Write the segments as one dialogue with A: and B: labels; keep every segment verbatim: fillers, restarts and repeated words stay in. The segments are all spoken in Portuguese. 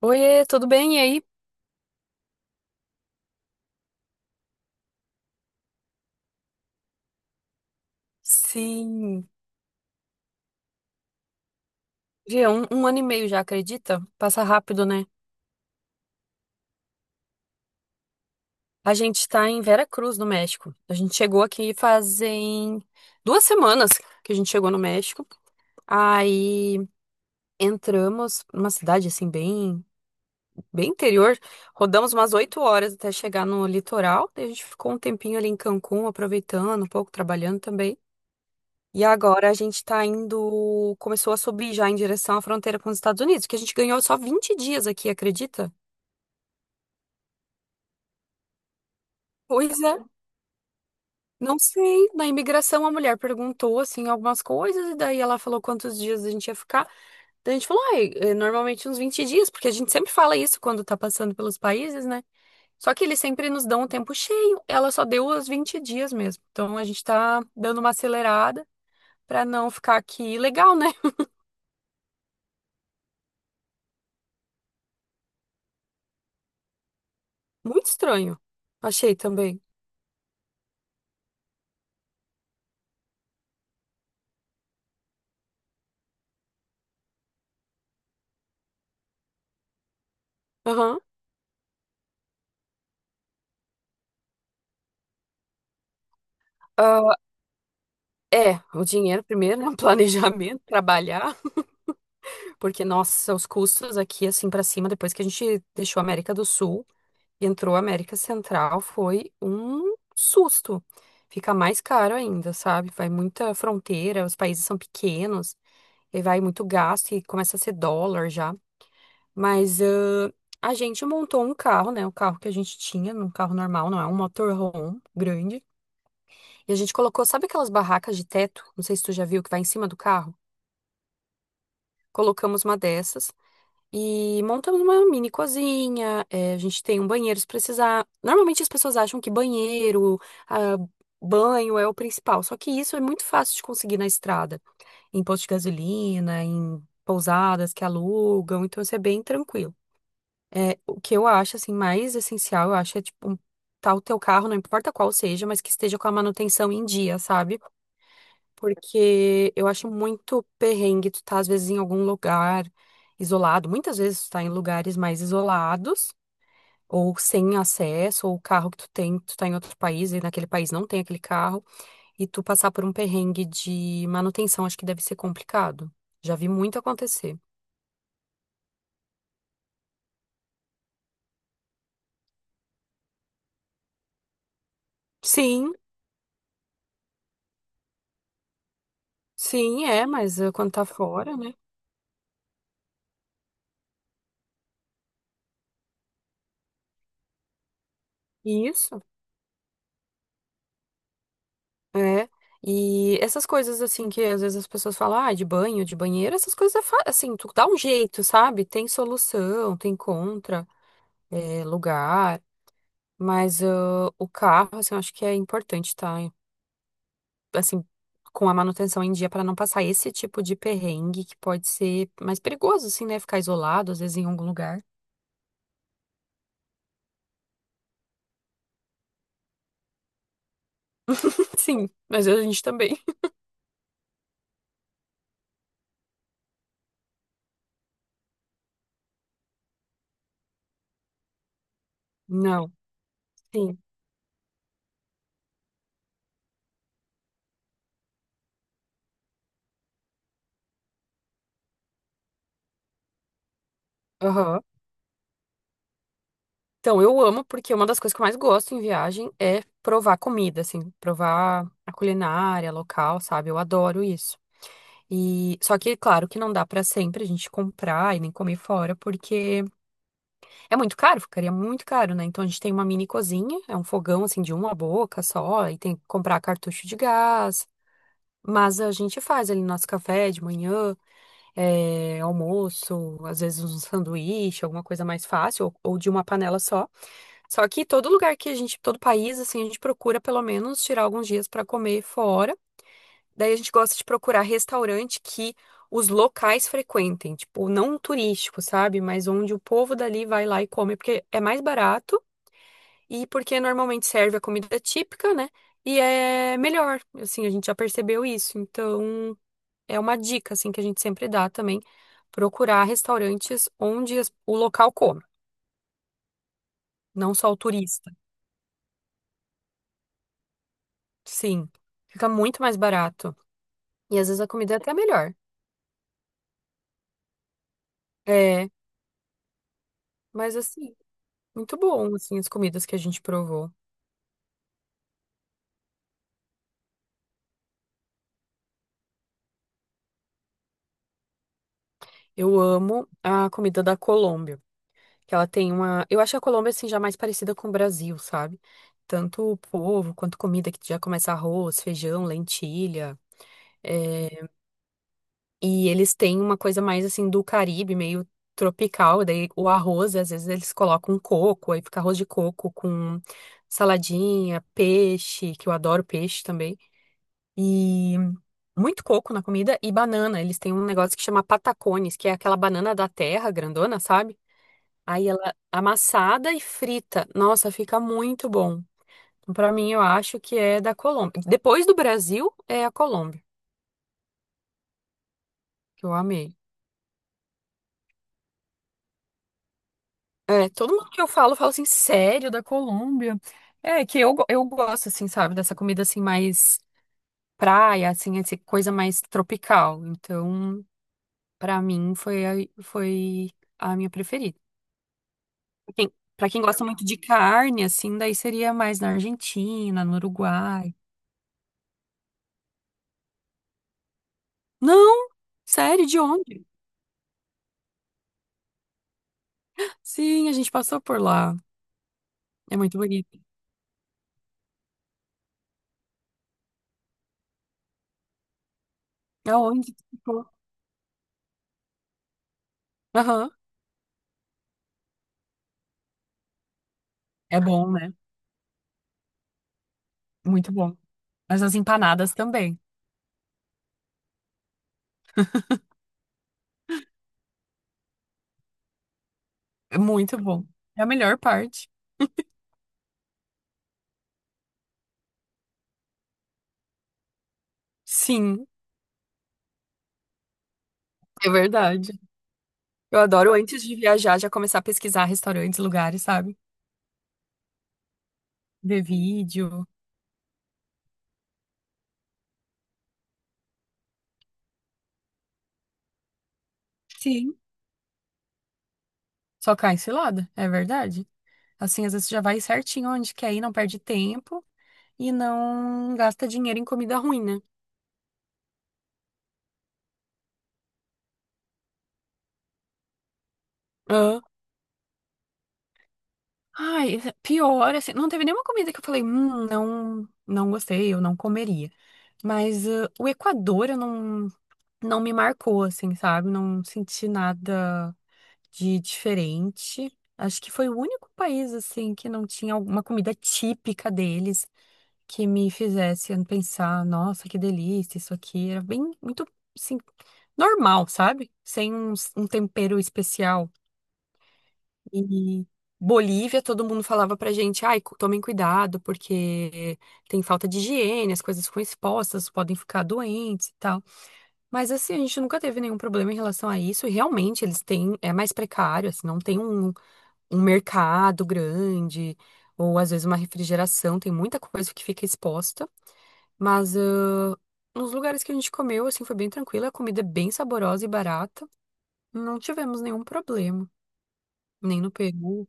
A: Oiê, tudo bem? E aí? Sim. Gê, um, um ano e meio já, acredita? Passa rápido, né? A gente tá em Veracruz, no México. A gente chegou aqui fazem duas semanas que a gente chegou no México. Aí entramos numa cidade assim, bem, bem interior. Rodamos umas oito horas até chegar no litoral. Daí a gente ficou um tempinho ali em Cancún, aproveitando, um pouco trabalhando também. E agora a gente tá indo, começou a subir já em direção à fronteira com os Estados Unidos, que a gente ganhou só vinte dias aqui, acredita? Pois é, não sei. Na imigração a mulher perguntou assim algumas coisas e daí ela falou quantos dias a gente ia ficar. Daí a gente falou, ai, é, normalmente uns vinte dias, porque a gente sempre fala isso quando tá passando pelos países, né? Só que eles sempre nos dão um tempo cheio. Ela só deu os vinte dias mesmo. Então a gente tá dando uma acelerada pra não ficar aqui legal, né? Muito estranho. Achei também. Aham. Ah, é, o dinheiro primeiro, né? O planejamento, trabalhar, porque, nossa, os custos aqui, assim, pra cima, depois que a gente deixou a América do Sul e entrou a América Central, foi um susto. Fica mais caro ainda, sabe? Vai muita fronteira, os países são pequenos, e vai muito gasto e começa a ser dólar já. Mas ãh, a gente montou um carro, né? O carro que a gente tinha, um carro normal, não é um motorhome grande. E a gente colocou, sabe aquelas barracas de teto? Não sei se tu já viu, que vai em cima do carro. Colocamos uma dessas e montamos uma mini cozinha. Eh, a gente tem um banheiro se precisar. Normalmente as pessoas acham que banheiro, ah, banho é o principal, só que isso é muito fácil de conseguir na estrada, em posto de gasolina, em pousadas que alugam, então isso é bem tranquilo. É, o que eu acho assim mais essencial, eu acho é tipo um, tá o teu carro, não importa qual seja, mas que esteja com a manutenção em dia, sabe? Porque eu acho muito perrengue tu tá, às vezes, em algum lugar isolado. Muitas vezes tu tá em lugares mais isolados, ou sem acesso, ou o carro que tu tem, tu tá em outro país e naquele país não tem aquele carro, e tu passar por um perrengue de manutenção, acho que deve ser complicado. Já vi muito acontecer. Sim, sim, é, mas eh, quando tá fora, né? É, e essas coisas assim que às vezes as pessoas falam, ah, de banho, de banheiro, essas coisas é fa- assim, tu dá um jeito, sabe? Tem solução, tem contra, é, lugar, mas ah, o carro, assim, eu acho que é importante estar, assim, com a manutenção em dia para não passar esse tipo de perrengue que pode ser mais perigoso, assim, né? Ficar isolado, às vezes, em algum lugar. Sim, mas a gente também. Não, sim. Aham. Então, eu amo porque uma das coisas que eu mais gosto em viagem é provar comida, assim, provar a culinária local, sabe? Eu adoro isso. E só que, claro, que não dá pra sempre a gente comprar e nem comer fora, porque é muito caro, ficaria muito caro, né? Então a gente tem uma mini cozinha, é um fogão assim de uma boca só, e tem que comprar cartucho de gás. Mas a gente faz ali nosso café de manhã, é, almoço, às vezes um sanduíche, alguma coisa mais fácil, ou ou de uma panela só. Só que todo lugar que a gente, todo país, assim, a gente procura pelo menos tirar alguns dias para comer fora. Daí a gente gosta de procurar restaurante que os locais frequentem, tipo, não turístico, sabe? Mas onde o povo dali vai lá e come, porque é mais barato e porque normalmente serve a comida típica, né? E é melhor, assim, a gente já percebeu isso. Então, é uma dica, assim, que a gente sempre dá também, procurar restaurantes onde as- o local come, não só o turista. Sim, fica muito mais barato. E às vezes a comida é até melhor. É, mas assim, muito bom, assim, as comidas que a gente provou. Eu amo a comida da Colômbia, que ela tem uma... Eu acho a Colômbia, assim, já mais parecida com o Brasil, sabe? Tanto o povo quanto comida que já começa arroz, feijão, lentilha. É, e eles têm uma coisa mais, assim, do Caribe, meio tropical. Daí o arroz, às vezes eles colocam coco, aí fica arroz de coco com saladinha, peixe, que eu adoro peixe também. E muito coco na comida e banana. Eles têm um negócio que chama patacones, que é aquela banana da terra grandona, sabe? Aí ela amassada e frita. Nossa, fica muito bom. Pra mim, eu acho que é da Colômbia. Depois do Brasil, é a Colômbia, que eu amei. É, todo mundo que eu falo, fala assim, sério, da Colômbia? É, que eu, go- eu gosto, assim, sabe, dessa comida, assim, mais praia, assim, essa coisa mais tropical. Então, pra mim, foi, a- foi a minha preferida. Pra Quem, para quem gosta muito de carne, assim, daí seria mais na Argentina, no Uruguai. Não! Sério, de onde? Sim, a gente passou por lá. É muito bonito. Aonde? Que ficou? Aham. É bom, né? Muito bom. Mas as empanadas também. É muito bom. É a melhor parte. Sim, é verdade. Eu adoro, antes de viajar, já começar a pesquisar restaurantes, lugares, sabe? Ver vídeo. Sim. Só cai cilada, é verdade. Assim, às vezes já vai certinho onde quer ir, não perde tempo. E não gasta dinheiro em comida ruim, né? Hã? Ai, é pior, assim, não teve nenhuma comida que eu falei, hum, não, não gostei, eu não comeria. Mas ah, o Equador, eu não, não me marcou, assim, sabe? Não senti nada de diferente. Acho que foi o único país, assim, que não tinha alguma comida típica deles que me fizesse pensar, nossa, que delícia, isso aqui. Era bem, muito, assim, normal, sabe? Sem um, um tempero especial. E Bolívia, todo mundo falava pra gente, ai, cu- tomem cuidado, porque tem falta de higiene, as coisas ficam expostas, podem ficar doentes e tal. Mas assim, a gente nunca teve nenhum problema em relação a isso, e realmente eles têm, é mais precário, assim, não tem um, um mercado grande, ou às vezes uma refrigeração, tem muita coisa que fica exposta, mas ah, nos lugares que a gente comeu, assim, foi bem tranquilo, a comida é bem saborosa e barata, não tivemos nenhum problema, nem no Peru,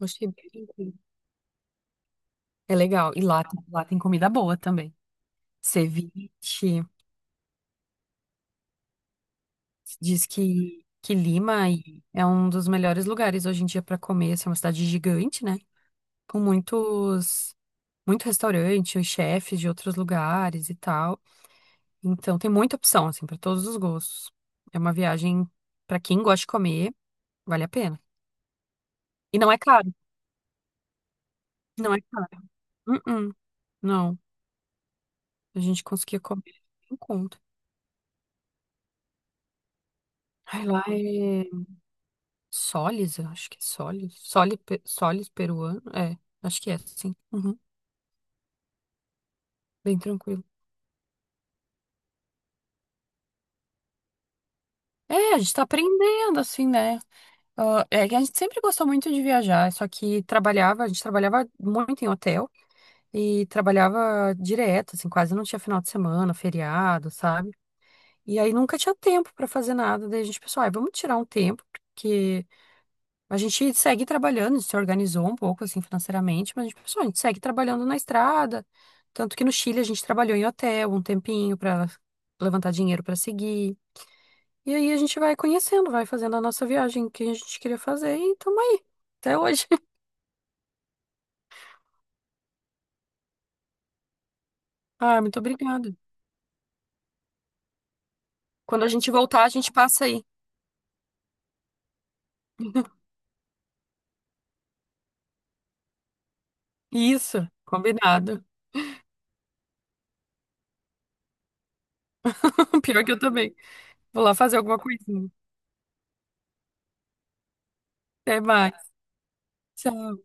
A: achei bem tranquilo. É legal. E lá, tem- lá tem comida boa também. Ceviche. Diz que, que Lima e- é um dos melhores lugares hoje em dia para comer. Assim, é uma cidade gigante, né? Com muitos, muito restaurante, os chefes de outros lugares e tal. Então tem muita opção, assim, para todos os gostos. É uma viagem para quem gosta de comer, vale a pena. E não é caro. Não é caro. Uh-uh, não. A gente conseguia comer em conta. Ai, lá é. Solis, eu acho que é Solis. Soli, pe- Solis peruano. É, acho que é, sim. Uhum, bem tranquilo. É, a gente tá aprendendo, assim, né? Ah, é que a gente sempre gostou muito de viajar, só que trabalhava, a gente trabalhava muito em hotel e trabalhava direto, assim, quase não tinha final de semana, feriado, sabe? E aí nunca tinha tempo pra fazer nada, daí a gente pensou, ai, vamos tirar um tempo, porque a gente segue trabalhando, se organizou um pouco assim financeiramente, mas a gente pensou, a gente segue trabalhando na estrada. Tanto que no Chile a gente trabalhou em hotel um tempinho para levantar dinheiro para seguir. E aí a gente vai conhecendo, vai fazendo a nossa viagem que a gente queria fazer e tamo aí, até hoje. Ah, muito obrigada. Quando a gente voltar, a gente passa aí. Isso, combinado. Pior que eu também. Vou lá fazer alguma coisinha. Até mais. Tchau.